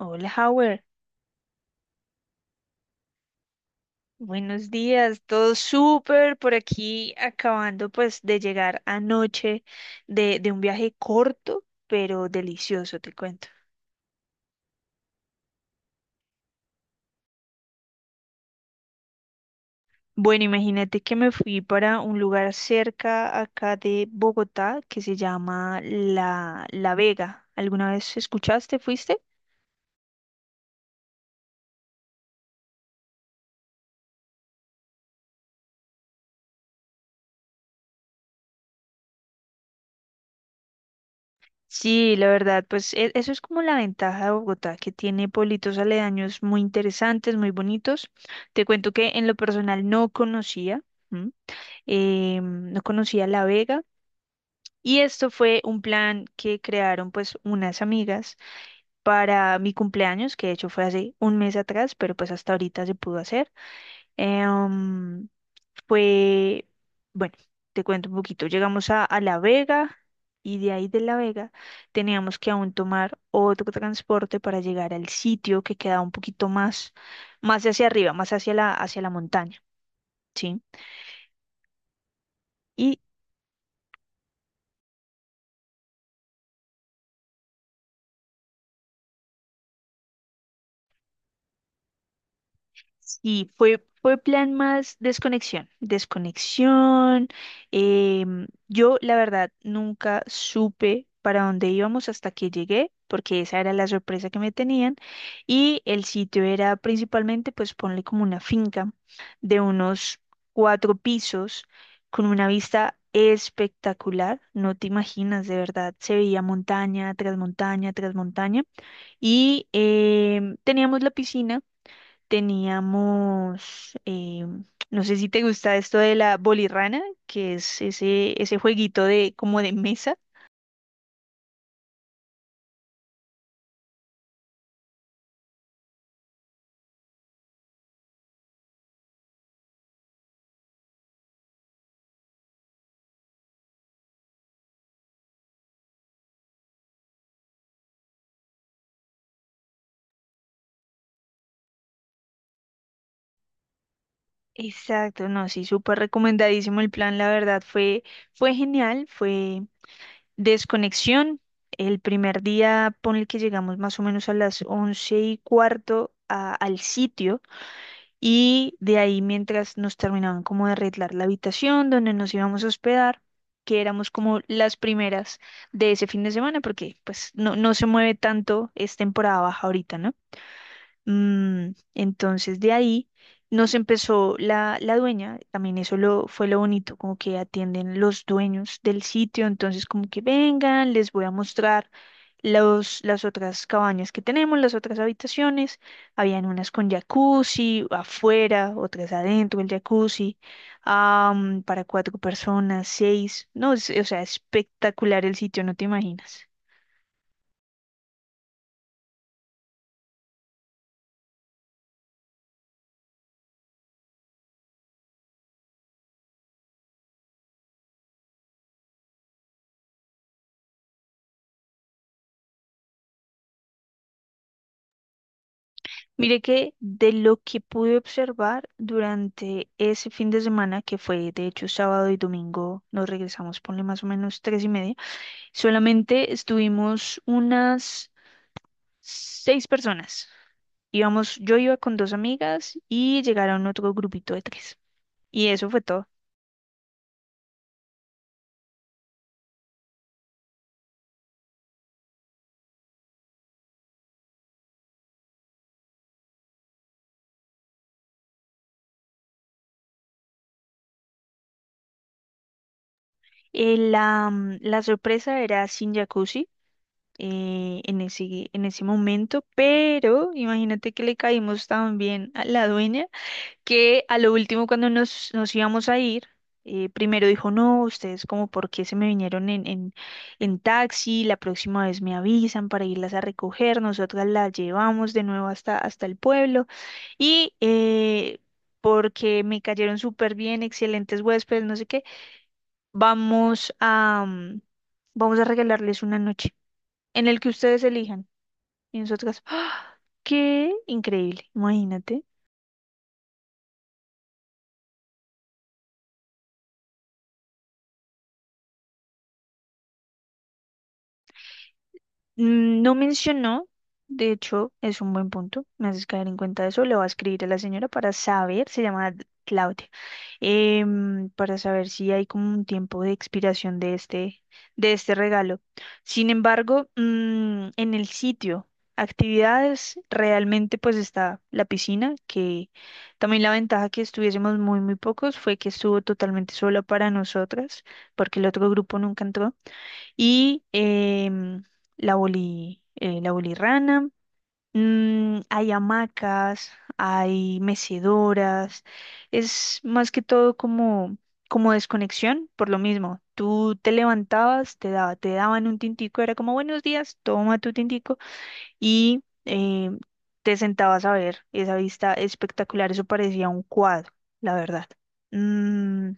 Hola, Howard. Buenos días. Todo súper por aquí, acabando pues de llegar anoche de un viaje corto, pero delicioso, te cuento. Bueno, imagínate que me fui para un lugar cerca acá de Bogotá que se llama La Vega. ¿Alguna vez escuchaste, fuiste? Sí, la verdad, pues eso es como la ventaja de Bogotá, que tiene pueblitos aledaños muy interesantes, muy bonitos. Te cuento que en lo personal no conocía. No conocía La Vega, y esto fue un plan que crearon pues unas amigas para mi cumpleaños, que de hecho fue hace un mes atrás, pero pues hasta ahorita se pudo hacer. Eh, um, Fue, bueno, te cuento un poquito. Llegamos a La Vega. Y de ahí de La Vega teníamos que aún tomar otro transporte para llegar al sitio que quedaba un poquito más, más hacia arriba, más hacia la montaña, ¿sí? Y fue, fue plan más desconexión, desconexión. Yo, la verdad, nunca supe para dónde íbamos hasta que llegué, porque esa era la sorpresa que me tenían. Y el sitio era principalmente, pues ponle como una finca de unos cuatro pisos, con una vista espectacular. No te imaginas, de verdad, se veía montaña tras montaña tras montaña. Y teníamos la piscina. Teníamos, no sé si te gusta esto de la bolirrana, que es ese jueguito de como de mesa. Exacto, no, sí, súper recomendadísimo el plan, la verdad fue genial, fue desconexión. El primer día, ponle que llegamos más o menos a las 11:15 al sitio. Y de ahí, mientras nos terminaban como de arreglar la habitación donde nos íbamos a hospedar, que éramos como las primeras de ese fin de semana, porque pues no, no se mueve tanto, es temporada baja ahorita, ¿no? Entonces de ahí nos empezó la dueña. También eso lo, fue lo bonito, como que atienden los dueños del sitio, entonces como que vengan, les voy a mostrar las otras cabañas que tenemos, las otras habitaciones. Habían unas con jacuzzi afuera, otras adentro el jacuzzi, para cuatro personas, seis, no, o sea, espectacular el sitio, no te imaginas. Mire que de lo que pude observar durante ese fin de semana, que fue de hecho sábado y domingo, nos regresamos, ponle más o menos 3:30. Solamente estuvimos unas seis personas. Íbamos, yo iba con dos amigas y llegaron otro grupito de tres. Y eso fue todo. La sorpresa era sin jacuzzi en ese momento, pero imagínate que le caímos también a la dueña que a lo último cuando nos íbamos a ir, primero dijo: no, ustedes como por qué se me vinieron en taxi, la próxima vez me avisan para irlas a recoger, nosotras las llevamos de nuevo hasta el pueblo, y porque me cayeron súper bien, excelentes huéspedes, no sé qué, vamos a, mm, vamos a regalarles una noche en el que ustedes elijan. Y nosotras, ¡ah! ¡Qué increíble! Imagínate. No mencionó. De hecho, es un buen punto, me haces caer en cuenta de eso. Le voy a escribir a la señora para saber, se llama Claudia, para saber si hay como un tiempo de expiración de este regalo. Sin embargo, en el sitio, actividades, realmente pues está la piscina, que también la ventaja que estuviésemos muy, muy pocos fue que estuvo totalmente solo para nosotras, porque el otro grupo nunca entró. Y la bolirrana. Hay hamacas, hay mecedoras. Es más que todo como, como desconexión, por lo mismo. Tú te levantabas, te daban un tintico, era como buenos días, toma tu tintico. Y te sentabas a ver esa vista espectacular. Eso parecía un cuadro, la verdad. Mm,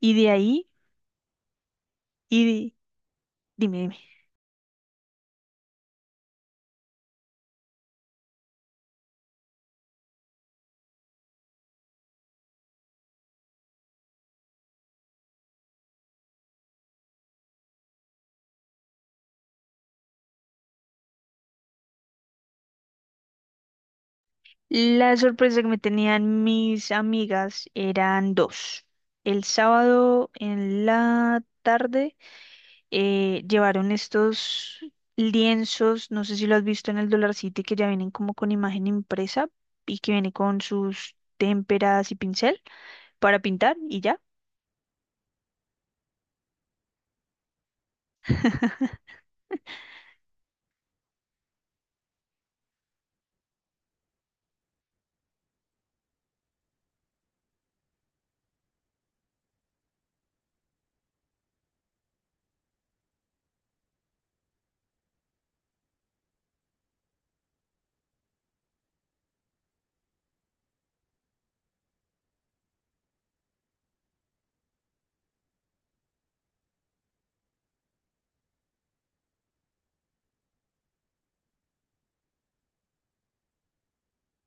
y de ahí, y di- dime, dime. La sorpresa que me tenían mis amigas eran dos. El sábado en la tarde llevaron estos lienzos, no sé si lo has visto en el Dollar City, que ya vienen como con imagen impresa y que viene con sus témperas y pincel para pintar y ya.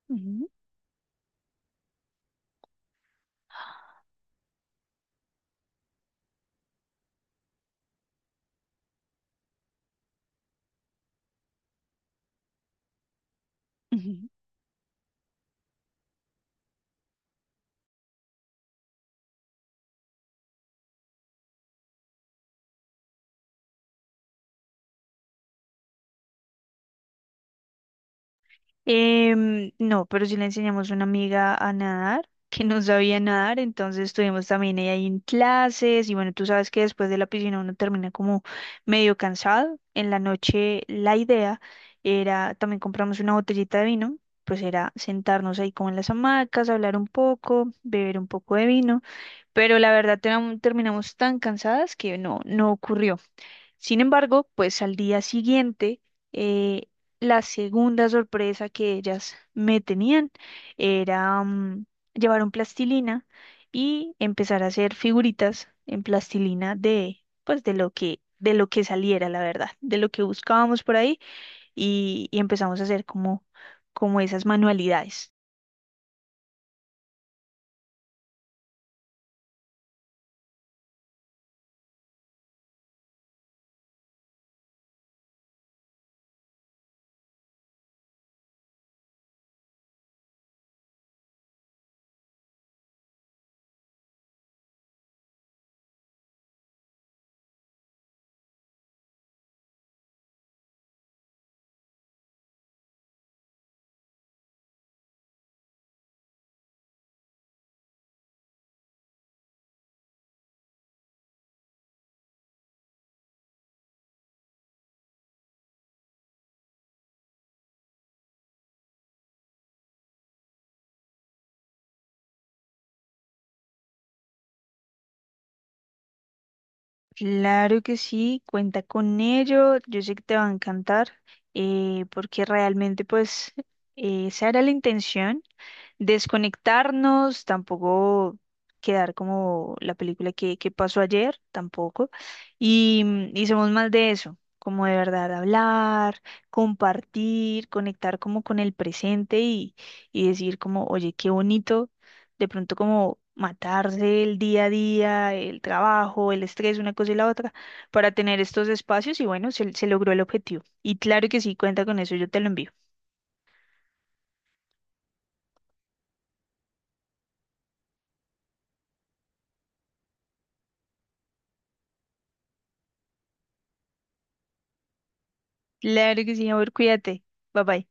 Ujú, ujú. No, pero sí le enseñamos a una amiga a nadar, que no sabía nadar, entonces estuvimos también ella ahí en clases. Y bueno, tú sabes que después de la piscina uno termina como medio cansado. En la noche la idea era, también compramos una botellita de vino, pues era sentarnos ahí como en las hamacas, hablar un poco, beber un poco de vino, pero la verdad terminamos tan cansadas que no, no ocurrió. Sin embargo, pues al día siguiente, eh, la segunda sorpresa que ellas me tenían era llevar un plastilina y empezar a hacer figuritas en plastilina de, pues, de lo que saliera, la verdad, de lo que buscábamos por ahí, y empezamos a hacer como, como esas manualidades. Claro que sí, cuenta con ello, yo sé que te va a encantar, porque realmente pues esa era la intención: desconectarnos, tampoco quedar como la película que pasó ayer, tampoco. Y somos más de eso, como de verdad hablar, compartir, conectar como con el presente, y decir como: oye, qué bonito, de pronto como matarse el día a día, el trabajo, el estrés, una cosa y la otra, para tener estos espacios. Y bueno, se logró el objetivo. Y claro que sí, cuenta con eso, yo te lo envío. Claro que sí, amor, cuídate. Bye bye.